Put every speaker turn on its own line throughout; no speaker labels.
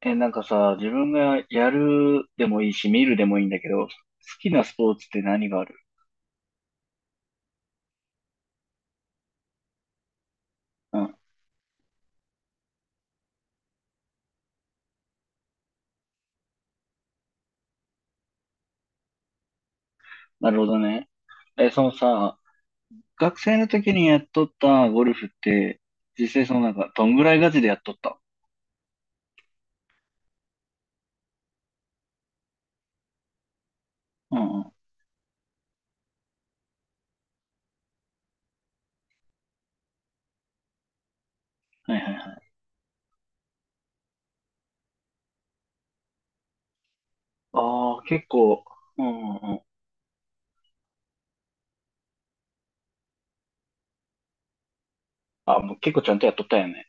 なんかさ、自分がやるでもいいし、見るでもいいんだけど、好きなスポーツって何がある？うん。なるほどね。そのさ、学生の時にやっとったゴルフって、実際そのなんか、どんぐらいガチでやっとった？うんうん。はいはいはい。ああ、結構、うんうんうん。あ、もう結構ちゃんとやっとったよね。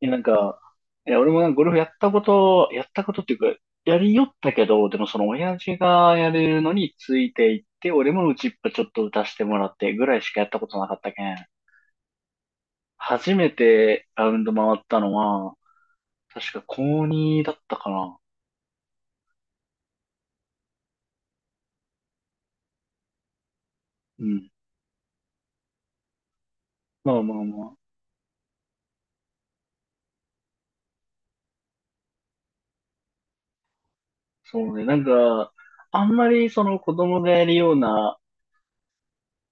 なんか、いや、俺もなんかゴルフやったことっていうか、やりよったけど、でもその親父がやれるのについていって、俺も打ちっぱちょっと打たせてもらってぐらいしかやったことなかったけん。初めてラウンド回ったのは、確か高2だったかな。うん。まあまあまあ。そうね。なんか、あんまりその子供がやるような、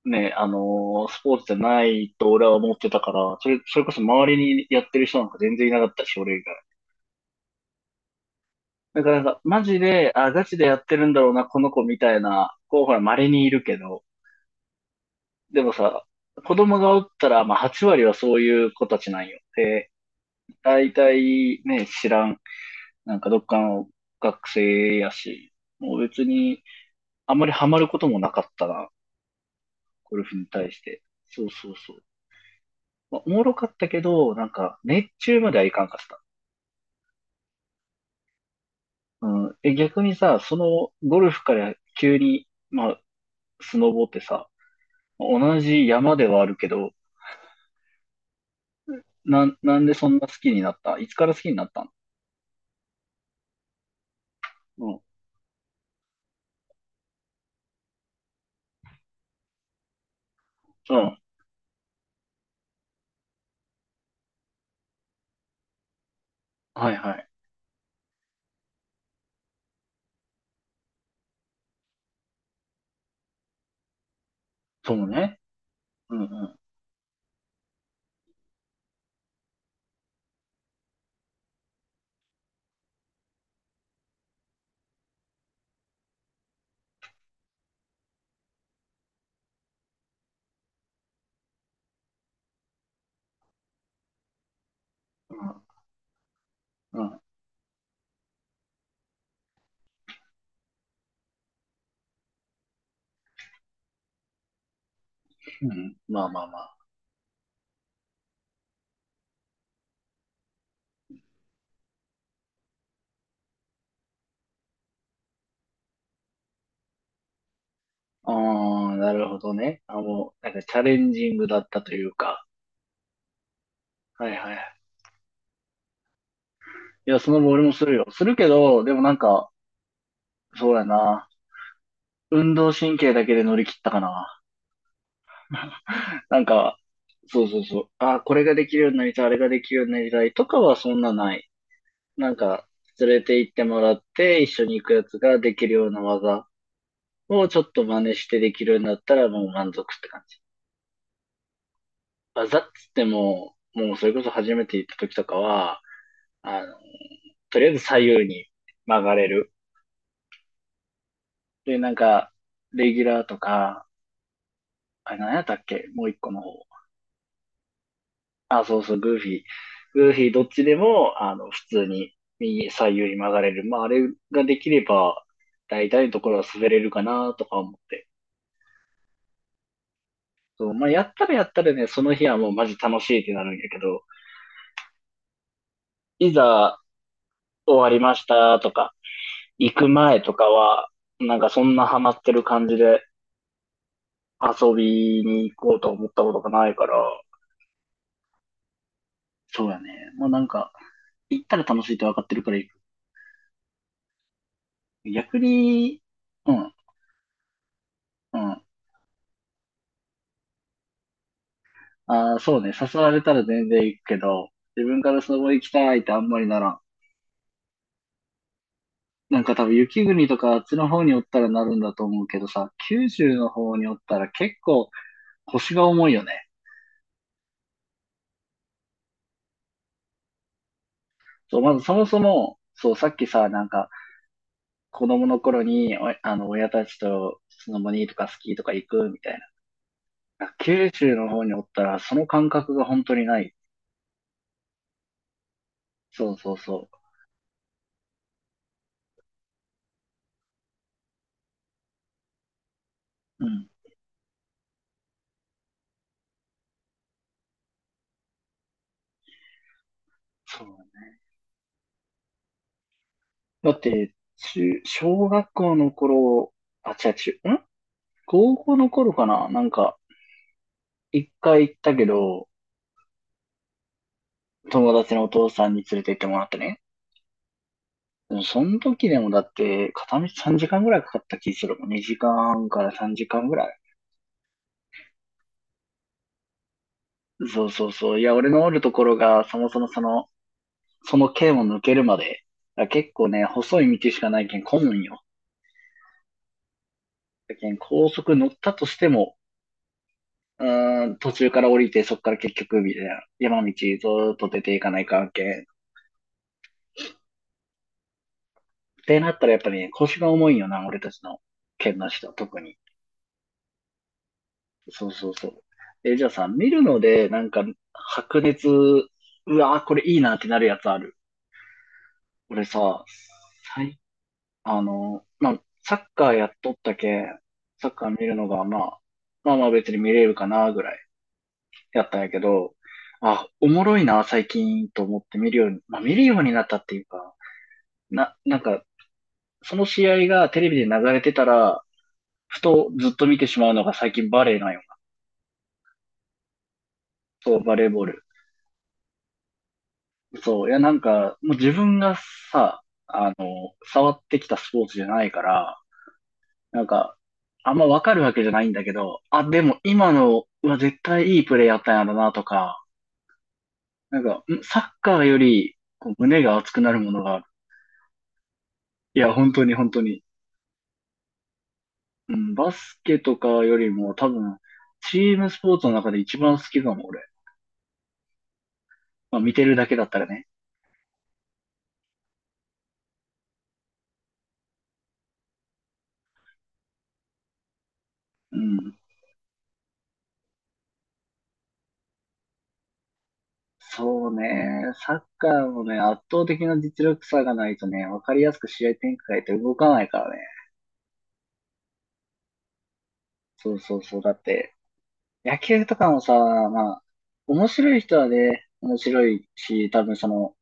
ね、スポーツじゃないと俺は思ってたから、それこそ周りにやってる人なんか全然いなかったし、俺以外。だからなんか、マジで、あ、ガチでやってるんだろうな、この子みたいな、こう、ほら、稀にいるけど、でもさ、子供がおったら、まあ、8割はそういう子たちなんよ。で、大体ね、知らん、なんかどっかの学生やし、もう別に、あんまりハマることもなかったな、ゴルフに対して。そうそうそう。まあ、おもろかったけど、なんか、熱中まではいかんかった。うん。逆にさ、その、ゴルフから急に、まあ、スノボってさ、同じ山ではあるけど、なんでそんな好きになった？いつから好きになったの？うん。うん。はいはい。そうね。うんうん。うん。うん。うん。まあまあまあ。ああ、なるほどね。あ、もう、なんかチャレンジングだったというか。はいはい。いや、その後俺もするよ。するけど、でもなんか、そうやな。運動神経だけで乗り切ったかな。なんか、そうそうそう。あ、これができるようになりたい、あれができるようになりたいとかはそんなない。なんか、連れて行ってもらって、一緒に行くやつができるような技をちょっと真似してできるようになったらもう満足って感じ。技っつっても、もうそれこそ初めて行った時とかは、あの、とりあえず左右に曲がれる。で、なんか、レギュラーとか、あれ何やったっけ？もう一個の方。あ、そうそう、グーフィー。グーフィーどっちでも、普通に左右に曲がれる。まあ、あれができれば、大体のところは滑れるかなとか思って。そう、まあ、やったらやったらね、その日はもうマジ楽しいってなるんやけど、いざ終わりましたとか、行く前とかは、なんかそんなハマってる感じで遊びに行こうと思ったことがないから、そうやね。もうなんか、行ったら楽しいって分かってるから行く。逆に、うん、うん。ああ、そうね。誘われたら全然行くけど、自分からスノボ行きたいってあんまりならん。なんか多分雪国とかあっちの方におったらなるんだと思うけどさ、九州の方におったら結構腰が重いよね。そう、まずそもそも、そう、さっきさ、なんか、子供の頃に、おあの、親たちとスノボにとかスキーとか行くみたいな。九州の方におったら、その感覚が本当にない。そうそうそう。うん。そうだね。だって、小学校の頃、あ、違う、高校の頃かななんか、一回行ったけど、友達のお父さんに連れて行ってもらってね。でもその時でもだって、片道3時間ぐらいかかった気するもん。2時間から3時間ぐらい。そうそうそう。いや、俺のおるところが、そもそもその県を抜けるまで、あ結構ね、細い道しかないけん混むんよ。だけん高速乗ったとしても、途中から降りて、そっから結局、みたいな、山道ずーっと出ていかない関係。ってなったらやっぱりね、腰が重いんよな、俺たちの県の人、特に。そうそうそう。じゃあさ、見るので、なんか、白熱、うわー、これいいなってなるやつある？俺さ、まあ、サッカーやっとったけ、サッカー見るのが、まあ、まあまあ別に見れるかな、ぐらいやったんやけど、あ、おもろいな、最近、と思って見るように、まあ見るようになったっていうか、なんか、その試合がテレビで流れてたら、ふとずっと見てしまうのが最近バレーなんよな。そう、バレーボール。そう、いやなんか、もう自分がさ、触ってきたスポーツじゃないから、なんか、あんまわかるわけじゃないんだけど、あ、でも今のは絶対いいプレーやったんやろなとか、なんか、サッカーよりこう胸が熱くなるものがある。いや、本当に本当に。うん、バスケとかよりも多分、チームスポーツの中で一番好きかも、俺。まあ見てるだけだったらね。うん。そうね。サッカーもね、圧倒的な実力差がないとね、わかりやすく試合展開って動かないからね。そうそうそう。だって、野球とかもさ、まあ、面白い人はね、面白いし、多分その、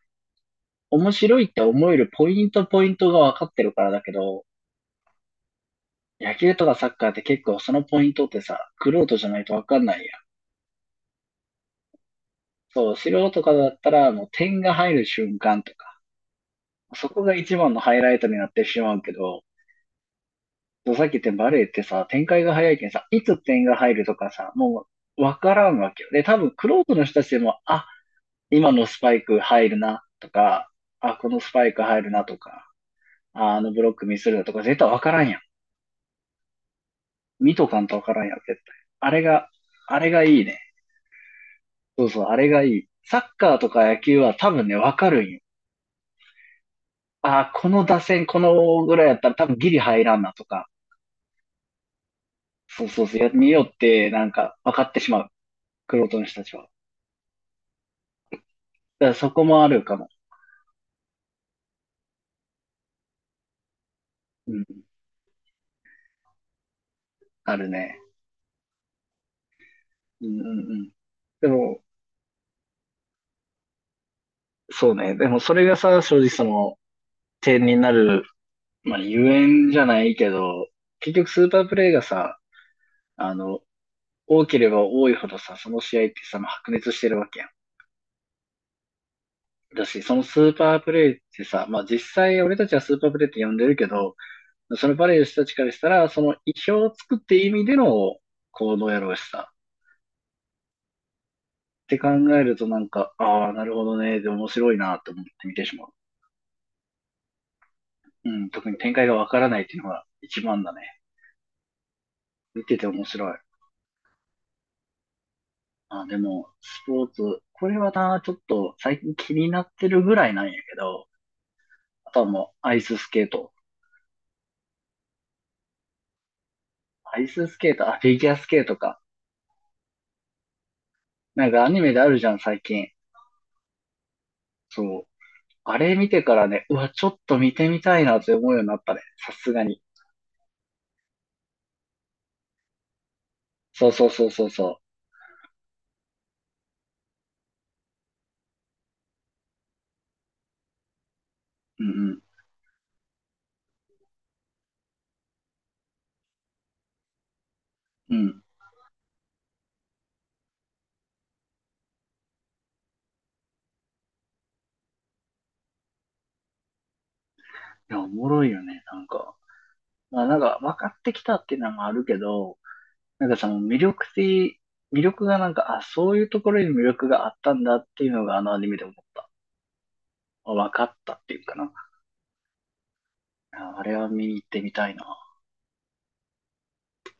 面白いって思えるポイントポイントが分かってるからだけど、野球とかサッカーって結構そのポイントってさ、玄人じゃないと分かんないやん。そう、素人とかだったらもう点が入る瞬間とか、そこが一番のハイライトになってしまうけど、そうさっき言ったバレーってさ、展開が早いけんさ、いつ点が入るとかさ、もう分からんわけよ。で、多分玄人の人たちでも、あ、今のスパイク入るなとか、あ、このスパイク入るなとか、ああのブロックミスるなとか、絶対わからんやん。見とかんとわからんやん、絶対。あれが、あれがいいね。そうそう、あれがいい。サッカーとか野球は多分ね、わかるんよ。あこの打線、このぐらいやったら多分ギリ入らんなとか、そうそうそう、や見よってなんか分かってしまう。玄人の人たちは。だからそこもあるかも。うん、あるね。うんうんうん。でも、そうね。でもそれがさ、正直その、点になるまあ、ゆえんじゃないけど、結局スーパープレイがさ、あの、多ければ多いほどさ、その試合ってさ、まあ白熱してるわけやん。だし、そのスーパープレイってさ、まあ実際俺たちはスーパープレイって呼んでるけど、そのバレーの人たちからしたら、その意表をつくって意味での行動やろうしさ、って考えるとなんか、ああ、なるほどね、で面白いなと思って見てしまう。うん、特に展開がわからないっていうのが一番だね。見てて面白い。あ、でも、スポーツ、これはな、ちょっと最近気になってるぐらいなんやけど、あとはもうアイススケート。アイススケート、あ、フィギュアスケートか。なんかアニメであるじゃん、最近。そう。あれ見てからね、うわ、ちょっと見てみたいなって思うようになったね。さすがに。そうそうそうそうそう。うんうん。うん。いや、おもろいよね、なんか。まあなんか分かってきたっていうのもあるけど、なんかその魅力がなんか、あ、そういうところに魅力があったんだっていうのがあのアニメで思った。分かったっていうかな。ああれは見に行ってみたいな。